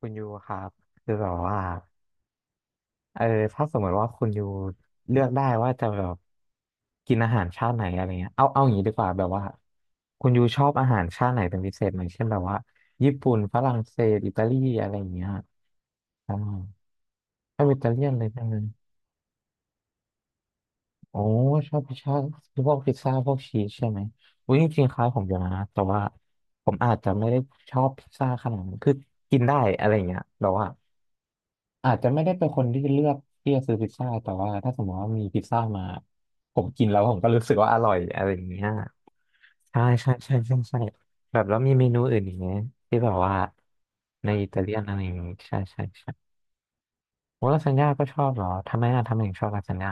คุณยูครับคือแบบว่าเออถ้าสมมติว่าคุณยูเลือกได้ว่าจะแบบกินอาหารชาติไหนอะไรเงี้ยเอาอย่างนี้ดีกว่าแบบว่าคุณยูชอบอาหารชาติไหนเป็นพิเศษไหมเช่นแบบว่าญี่ปุ่นฝรั่งเศสอิตาลีอะไรอย่างเงี้ยอ่าชอบอิตาเลียนเลยใช่ไหมโอ้ชอบพิซซ่าพวกพิซซ่าพวกชีสใช่ไหมอุ้ยจริงๆคล้ายผมอยู่นะแต่ว่าผมอาจจะไม่ได้ชอบพิซซ่าขนาดนั้นคือกินได้อะไรเงี้ยแบบว่า อาจจะไม่ได้เป็นคนที่เลือกที่จะซื้อพิซซ่าแต่ว่าถ้าสมมติว่ามีพิซซ่ามาผมกินแล้วผมก็รู้สึกว่าอร่อยอะไรอย่างเงี้ยใช่ใช่ใช่ใช่ใช่แบบแล้วมีเมนูอื่นอีกไหมที่แบบว่าในอิตาเลียนอะไรอย่างงี้ใช่ใช่ใช่โอ้ลาซานญ่าก็ชอบเหรอทำไมอะทำไมถึงชอบลาซานญ่า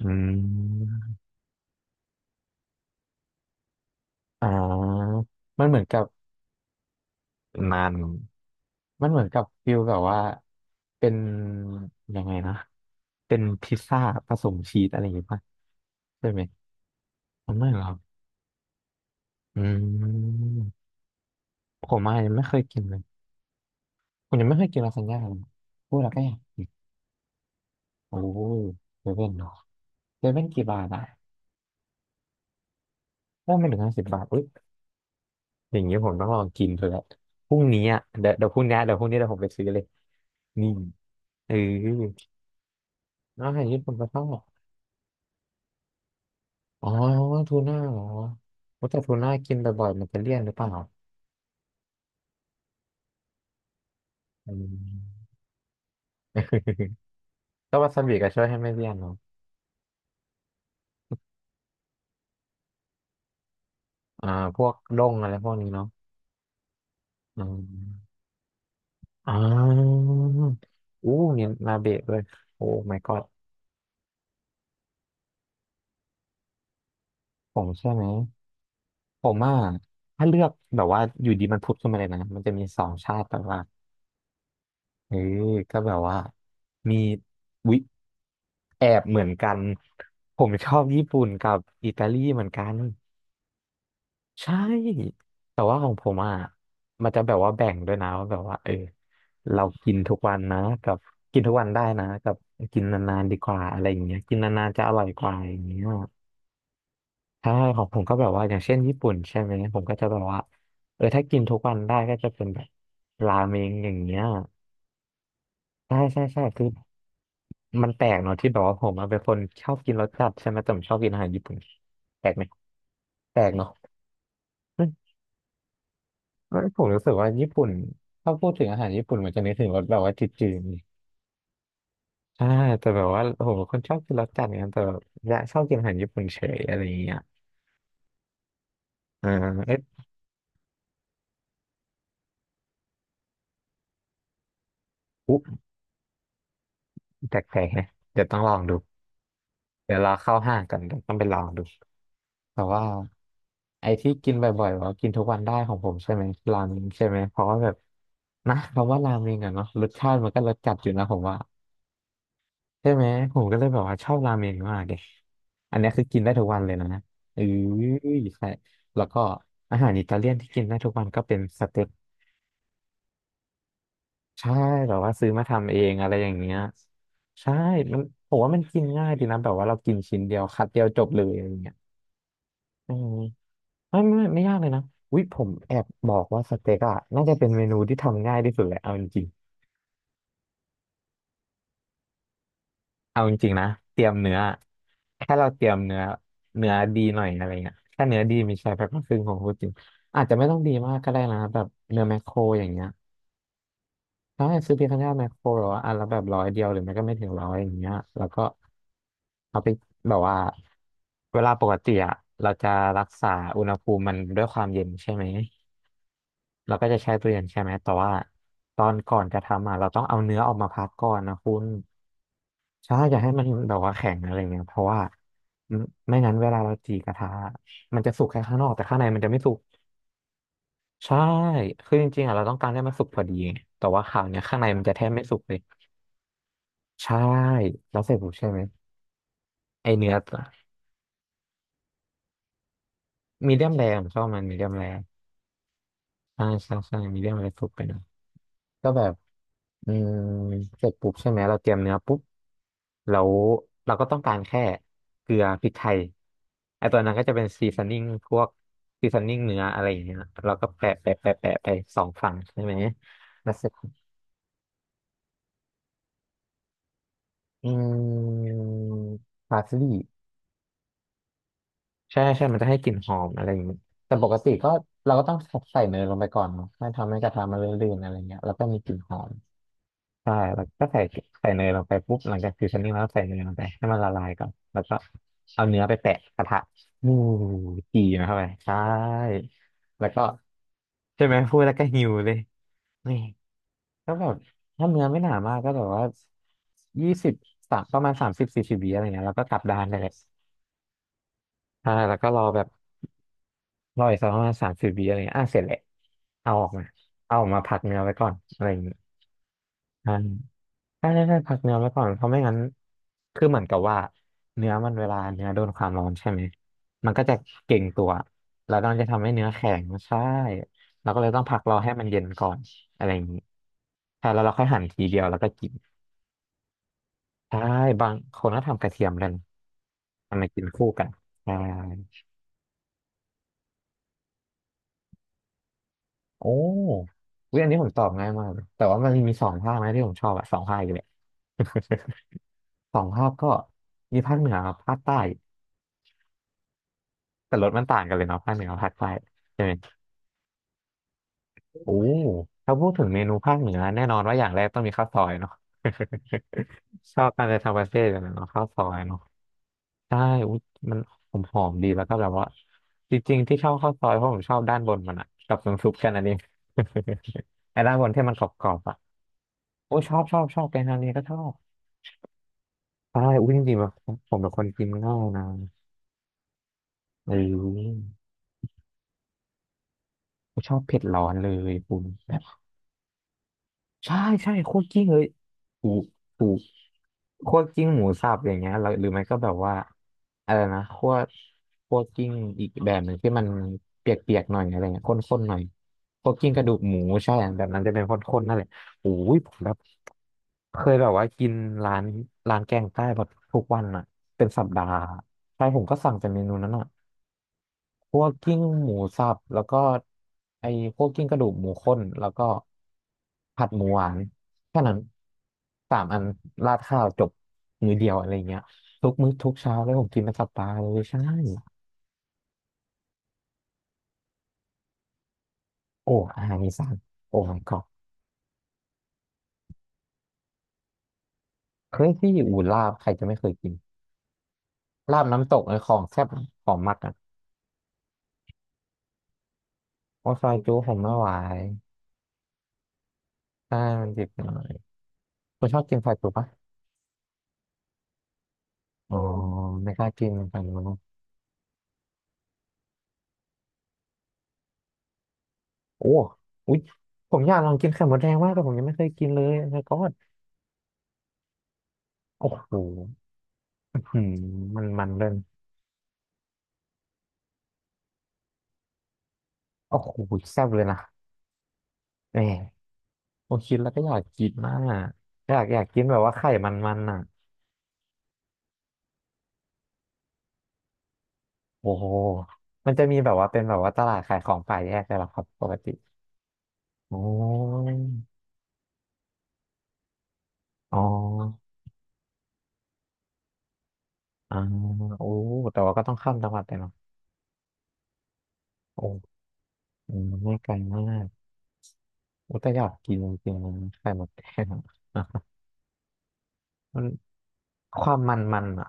อืมอ่ามันเหมือนกับนานมันเหมือนกับฟิลแบบว่าเป็นยังไงนะเป็นพิซซ่าผสมชีสอะไรอย่างงี้ป่ะใช่ไหม ทำได้เหรอครับอืมผมอาจจะยังไม่เคยกินเลยผมยังไม่เคยกินลาซานญ่าเลยพูดแล้วก็อยากโอ้เซเว่นเนาะเซเว่นกี่บาทอ่ะถ้าไม่ถึง50 บาทอุ้ยอย่างนี้ผมต้องลองกินเถอะแหละพรุ่งนี้อ่ะเดี๋ยวเดี๋ยวพรุ่งนี้เดี๋ยวพรุ่งนี้เดี๋ยวผมไปซื้อเลยนี่เอออาหารญี่ปุ่นก็ชอบอ๋อทูน่าเหรอว่าแต่ทูน่ากินบ่อยๆมันจะเลี่ยนหรือเปล่าอืม ก็วาซาบิก็ช่วยให้ไม่เลี่ยนเนาะอ่าพวกด้งอะไรพวกนี้เนาะอืม อ่าอู้มีนาเบะด้วยโอ้ my god ผมใช่ไหมผมอ่ะถ้าเลือกแบบว่าอยู่ดีมันพุดขึ้นมาเลยนะมันจะมีสองชาติแบบว่าเออก็แบบว่ามีวิแอบเหมือนกันผมชอบญี่ปุ่นกับอิตาลีเหมือนกันใช่แต่ว่าของผมอ่ะมันจะแบบว่าแบ่งด้วยนะว่าแบบว่าเออเรากินทุกวันนะกับกินทุกวันได้นะกับกินนานๆดีกว่าอะไรอย่างเงี้ยกินนานๆจะอร่อยกว่าอย่างเงี้ย ใช่ของผมก็แบบว่าอย่างเช่นญี่ปุ่นใช่ไหมผมก็จะแบบว่าเออถ้ากินทุกวันได้ก็จะเป็นแบบราเมงอย่างเงี้ยใช่ใช่ใช่คือมันแปลกเนาะที่แบบว่าผมอะเป็นคนชอบกินรสจัดใช่ไหมแต่ผมชอบกินอาหารญี่ปุ่นแปลกไหมแปลกเนาะอืมผมรู้สึกว่าญี่ปุ่นถ้าพูดถึงอาหารญี่ปุ่นมันจะนึกถึงรสแบบว่าจืดๆใช่แต่แบบว่าผมเป็นคนชอบกินรสจัดเนี่ยแต่แบบอยากชอบกินอาหารญี่ปุ่นเฉยอะไรอย่างเงี้ยอ่าเอ๊ะอุ๊แปลกๆนะเดี๋ยวต้องลองดูเดี๋ยวเราเข้าห้างกันเดี๋ยวต้องไปลองดู แต่ว่าไอ้ที่กินบ่อยๆว่ากินทุกวันได้ของผมใช่ไหมราเมงใช่ไหมเพราะว่าแบบนะคำว่าราเมงอะเนาะรสชาติมันก็รสจัดอยู่นะผมว่าใช่ไหมผมก็เลยแบบว่าชอบราเมงมากเลยอันเนี้ยคือกินได้ทุกวันเลยนะเออใช่แล้วก็อาหารอิตาเลียนที่กินได้ทุกวันก็เป็นสเต็กใช่แบบว่าซื้อมาทำเองอะไรอย่างเงี้ยใช่มันผมว่ามันกินง่ายดีนะแบบว่าเรากินชิ้นเดียวคัดเดียวจบเลยอะไรอย่างเงี้ยอืม ไม่ไม่ไม่ยากเลยนะวิผมแอบบอกว่าสเต็กอะน่าจะเป็นเมนูที่ทำง่ายที่สุดเลยเอาจริงๆเอาจริงๆนะเตรียมเนื้อแค่เราเตรียมเนื้อเนื้อดีหน่อยอะไรเงี้ยถ้าเนื้อดีมีใช้แพ็คลครึ่งของพูดจริงอาจจะไม่ต้องดีมากก็ได้นะแบบเนื้อแมคโครอย่างเงี้ยถ้าให้ซื้อเพียงแค่แมคโครหรอว่าอันละแบบร้อยเดียวหรือไม่ก็ไม่ถึงร้อยอย่างเงี้ยแล้วก็เอาไปแบบว่าเวลาปกติอะเราจะรักษาอุณหภูมิมันด้วยความเย็นใช่ไหม เราก็จะใช้ทุเรียนใช่ไหมแต่ว่าตอนก่อนจะทำอ่ะเราต้องเอาเนื้อออกมาพักก่อนนะคุณใช่อย่าให้มันแบบว่าแข็งอะไรเงี้ยเพราะว่าไม่ไม่งั้นเวลาเราจีกระทะมันจะสุกแค่ข้างนอกแต่ข้างในมันจะไม่สุกใช่คือจริงๆอ่ะเราต้องการให้มันสุกพอดีแต่ว่าคราวเนี้ยข้างในมันจะแทบไม่สุกเลยใช่แล้วเสร็จปุ๊บใช่ไหมไอเนื้อมีเดียมแรงชอบมันมีเดียมแรงใช่ใช่ใช่มีเดียมแรงสุกไปหนะก็แบบ อืมเสร็จปุ๊บใช่ไหมเราเตรียมเนื้อปุ๊บแล้วเราก็ต้องการแค่เกลือพริกไทยไอตัวนั้นก็จะเป็นซีซันนิ่งพวกซีซันนิ่งเนื้ออะไรอย่างเงี้ยเราก็แปะไปสองฝั่งใช่ไหมแล้วเสร็จอืมพาสลีย์ใช่ใช่มันจะให้กลิ่นหอมอะไรอย่างเงี้ยแต่ปกติก็เราก็ต้องใส่เนยลงไปก่อนเนาะไม่ทำให้กระทะมันเลื่อนๆอะไรเงี้ยแล้วก็มีกลิ่นหอม ใช่แล้วก็ใส่เนยลงไปปุ๊บหลังจากฟิวชั่นนิ่งแล้วใส่เนยลงไปให้มันละลายก่อนแล้วก็เอาเนื้อไปแปะกระทะอู้จีนะครับไปใช่แล้วก็ใช่ไหมพูดแล้วก็หิวเลยนี่ก็แบบถ้าเนื้อไม่หนามากก็แบบว่า20สามประมาณสามสิบ40วิอะไรเงี้ยแล้วก็กลับด้านได้เลยใช่แล้วก็รอแบบรออีกสักประมาณสามสิบวิอะไรเงี้ยอ่ะเสร็จแหละเอาออกมาพักเนื้อไว้ก่อนอะไรอย่างเงี้ย ใช่พักเนื้อไว้ก่อนเพราะไม่งั้นคือเหมือนกับว่าเนื้อมันเวลาเนื้อโดนความร้อนใช่ไหมมันก็จะเก่งตัวแล้วมันจะทำให้เนื้อแข็งใช่เราก็เลยต้องพักรอให้มันเย็นก่อนอะไรอย่างนี้ใช่แล้วเราค่อยหั่นทีเดียวแล้วก็กินใช่บางคนก็ทำกระเทียมเลยนะทำมากินคู่กันใช่โอ้วิอยอันนี้ผมตอบง่ายมากเลยแต่ว่ามันมีสองภาคนะที่ผมชอบอะสองภาคอยู่เลย สองภาคก็มีภาคเหนือกับภาคใต้ แต่รสมันต่างกันเลยเนาะภาคเหนือกับภาคใต้ใช่ไหมโอ้ถ้าพูดถึงเมนูภาคเหนือแน่นอนว่าอย่างแรกต้องมีข้าวซอยเนาะ ชอบการจะทำประเทศกันเนาะข้าวซอยเนาะใช่อุ๊ยมันหอมหอมดีแล้วก็แบบว่าจริงๆที่ชอบข้าวซอยเพราะผมชอบด้านบนมันอะกับน้ำซุปแค่นั้นเอง ไอ้ด้านบนที่มันกรอบๆอะโอ้ยชอบแกงฮังเลก็ชอบใช่อุ้ยจริงๆแบบผมเป็นคนกินง่ายนะเออชอบเผ็ดร้อนเลยคุณ ใช่ใช่คั่วกลิ้งเลยถูกถูกคั่วกลิ้งหมูสับอย่างเงี้ยแล้วหรือไม่ก็แบบว่าอะไรนะคั่วกลิ้งอีกแบบหนึ่งที่มันเปียกๆหน่อยอะไรเงี้ยข้นๆหน่อยคั่วกลิ้งกระดูกหมูใช่แบบนั้นจะเป็นข้นๆนั่นแหละโอ้ยผมแบบเคยแบบว่ากินร้านร้านแกงใต้แบบทุกวันอ่ะเป็นสัปดาห์ใช่ผมก็สั่งแต่เมนูนั้นอ่ะ พวกกิ้งหมูสับแล้วก็ไอ้พวกกิ้งกระดูกหมูข้นแล้วก็ผัดหมูหวานแค่นั้นสามอันราดข้าวจบมื้อเดียวอะไรเงี้ยทุกมื้อทุกเช้าแล้วผมกินเป็นสัปดาห์เลยใช่โอ้อาหารอีสานโอ้ my god เคยที่อยู่ลาบใครจะไม่เคยกินลาบน้ำตกไอ้ของแซ่บของมักอ่ะโอ้ซอยจุผมไม่ไหวใช่มันเจ็บหน่อยคุณชอบกินซอยจุปะอ๋อไม่กล้ากินเหมือนกัน โอ้อุ๊ยผมอยากลองกินไข่มดแดงมากแต่ผมยังไม่เคยกินเลยแล้วก็โอ้โหหืมมันมันเลยโอ้โหแซ่บเลยนะแหมผมคิดแล้วก็อยากกินมากอะอยากกินแบบว่าไข่มันมันอ่ะโอ้โหมันจะมีแบบว่าเป็นแบบว่าตลาดขายของป่าแยกเลยเหรอครับปกติโอ้ยอ๋ออ่าโอ้แต่ว่าก็ต้องข้ามจังหวัดไปเนาะโอ้อืมไม่ไกลมากโอ้แต่อยากกินจริงๆนะไข่มดแดงอะ มันความมันมันอ่ะ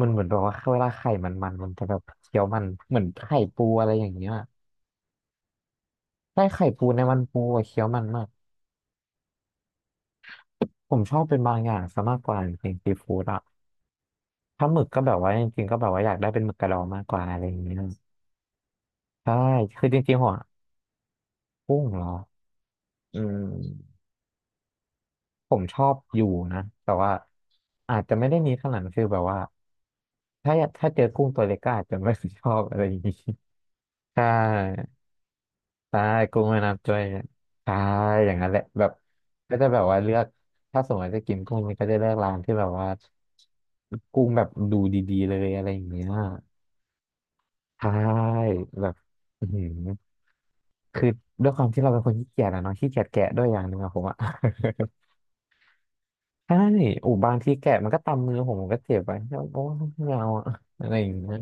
มันเหมือนแบบว่าเวลาไข่มันมันมันจะแบบเคี้ยวมันเหมือนไข่ปูอะไรอย่างเงี้ยใช่ไข่ปูในมันปูอะเคี้ยวมันมากผมชอบเป็นบางอย่างซะมากกว่าจริงๆซีฟู้ดอ่ะถ้าหมึกก็แบบว่าจริงๆก็แบบว่าอยากได้เป็นหมึกกระดองมากกว่าอะไรอย่างเงี้ยใช่คือจริงๆหัวกุ้งเหรออืมผมชอบอยู่นะแต่ว่าอาจจะไม่ได้มีขนาดนั้นคือแบบว่าถ้าเจอกุ้งตัวเล็กก็อาจจะไม่ ชอบอะไรอย่างงี้ใช่ ใช่กุ้งแม่น้ำจ้อยเนี่ยใช่อย่างนั้นแหละแบบก็จะแบบว่าเลือกถ้าสมมติจะกินกุ้งมันก็จะเลือกร้านที่แบบว่ากุ้งแบบดูดีๆเลยอะไรอย่างเงี้ยใช่แบบอือหือคือด้วยความที่เราเป็นคนขี้เกียจอะเนาะขี้เกียจแกะด้วยอย่างหนึ่งอะผมอะ ใช่อูบางทีแกะมันก็ตำมือผมก็เจ็บไป โอ้ไม่เอาอะอะไรอย่างเงี้ย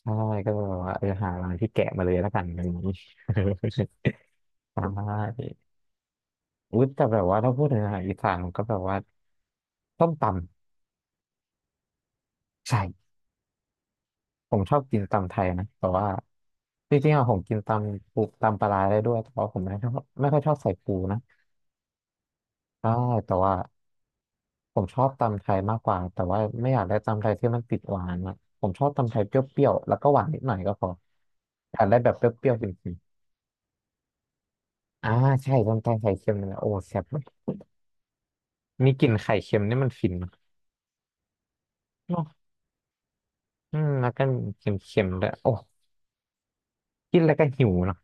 ใช่ก็เลยแบบว่าเออหาร้านที่แกะมาเลยแล้วกันอะไรอย่างงี้ ใช่ อุยแต่แบบว่าถ้าพูดถึงอาหารอีสานผมก็แบบว่าส้มตำใช่ผมชอบกินตำไทยนะแต่ว่าจริงๆอะผมกินตำปูตำปลาร้าได้ด้วยแต่ว่าผมไม่ชอบไม่ค่อยชอบใส่ปูนะใช่แต่ว่าผมชอบตำไทยมากกว่าแต่ว่าไม่อยากได้ตำไทยที่มันติดหวานอะผมชอบตำไทยเปรี้ยวๆแล้วก็หวานนิดหน่อยก็พออยากได้แบบเปรี้ยวๆจริงๆอ่าใช่ตำไทยไข่เค็มนี่แหละโอ้แซ่บเลยมีกลิ่นไข่เค็มนี่มันฟินเนอะอืมแล้วก็เค็มๆด้วยโอ้กินแล้วก็หิวเนอะ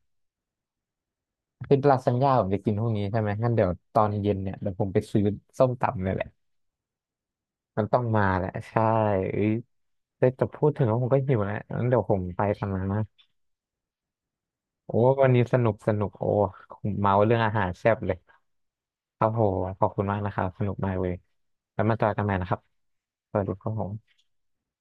คือลาซานญ่าผมจะกินพวกนี้ใช่ไหมงั้นเดี๋ยวตอนเย็นเนี่ยเดี๋ยวผมไปซื้อส้มตำเนี่ยแหละมันต้องมาแหละใช่เอ้ยแต่จะพูดถึงแล้วผมก็หิวแล้วงั้นเดี๋ยวผมไปทำงานนะโอ้วันนี้สนุกสนุกโอ้เมาเรื่องอาหารแซ่บเลยครับผมขอบคุณมากนะครับสนุกมากเลยแล้วมาเจอกันใหม่นะครับสวัสดีครับผม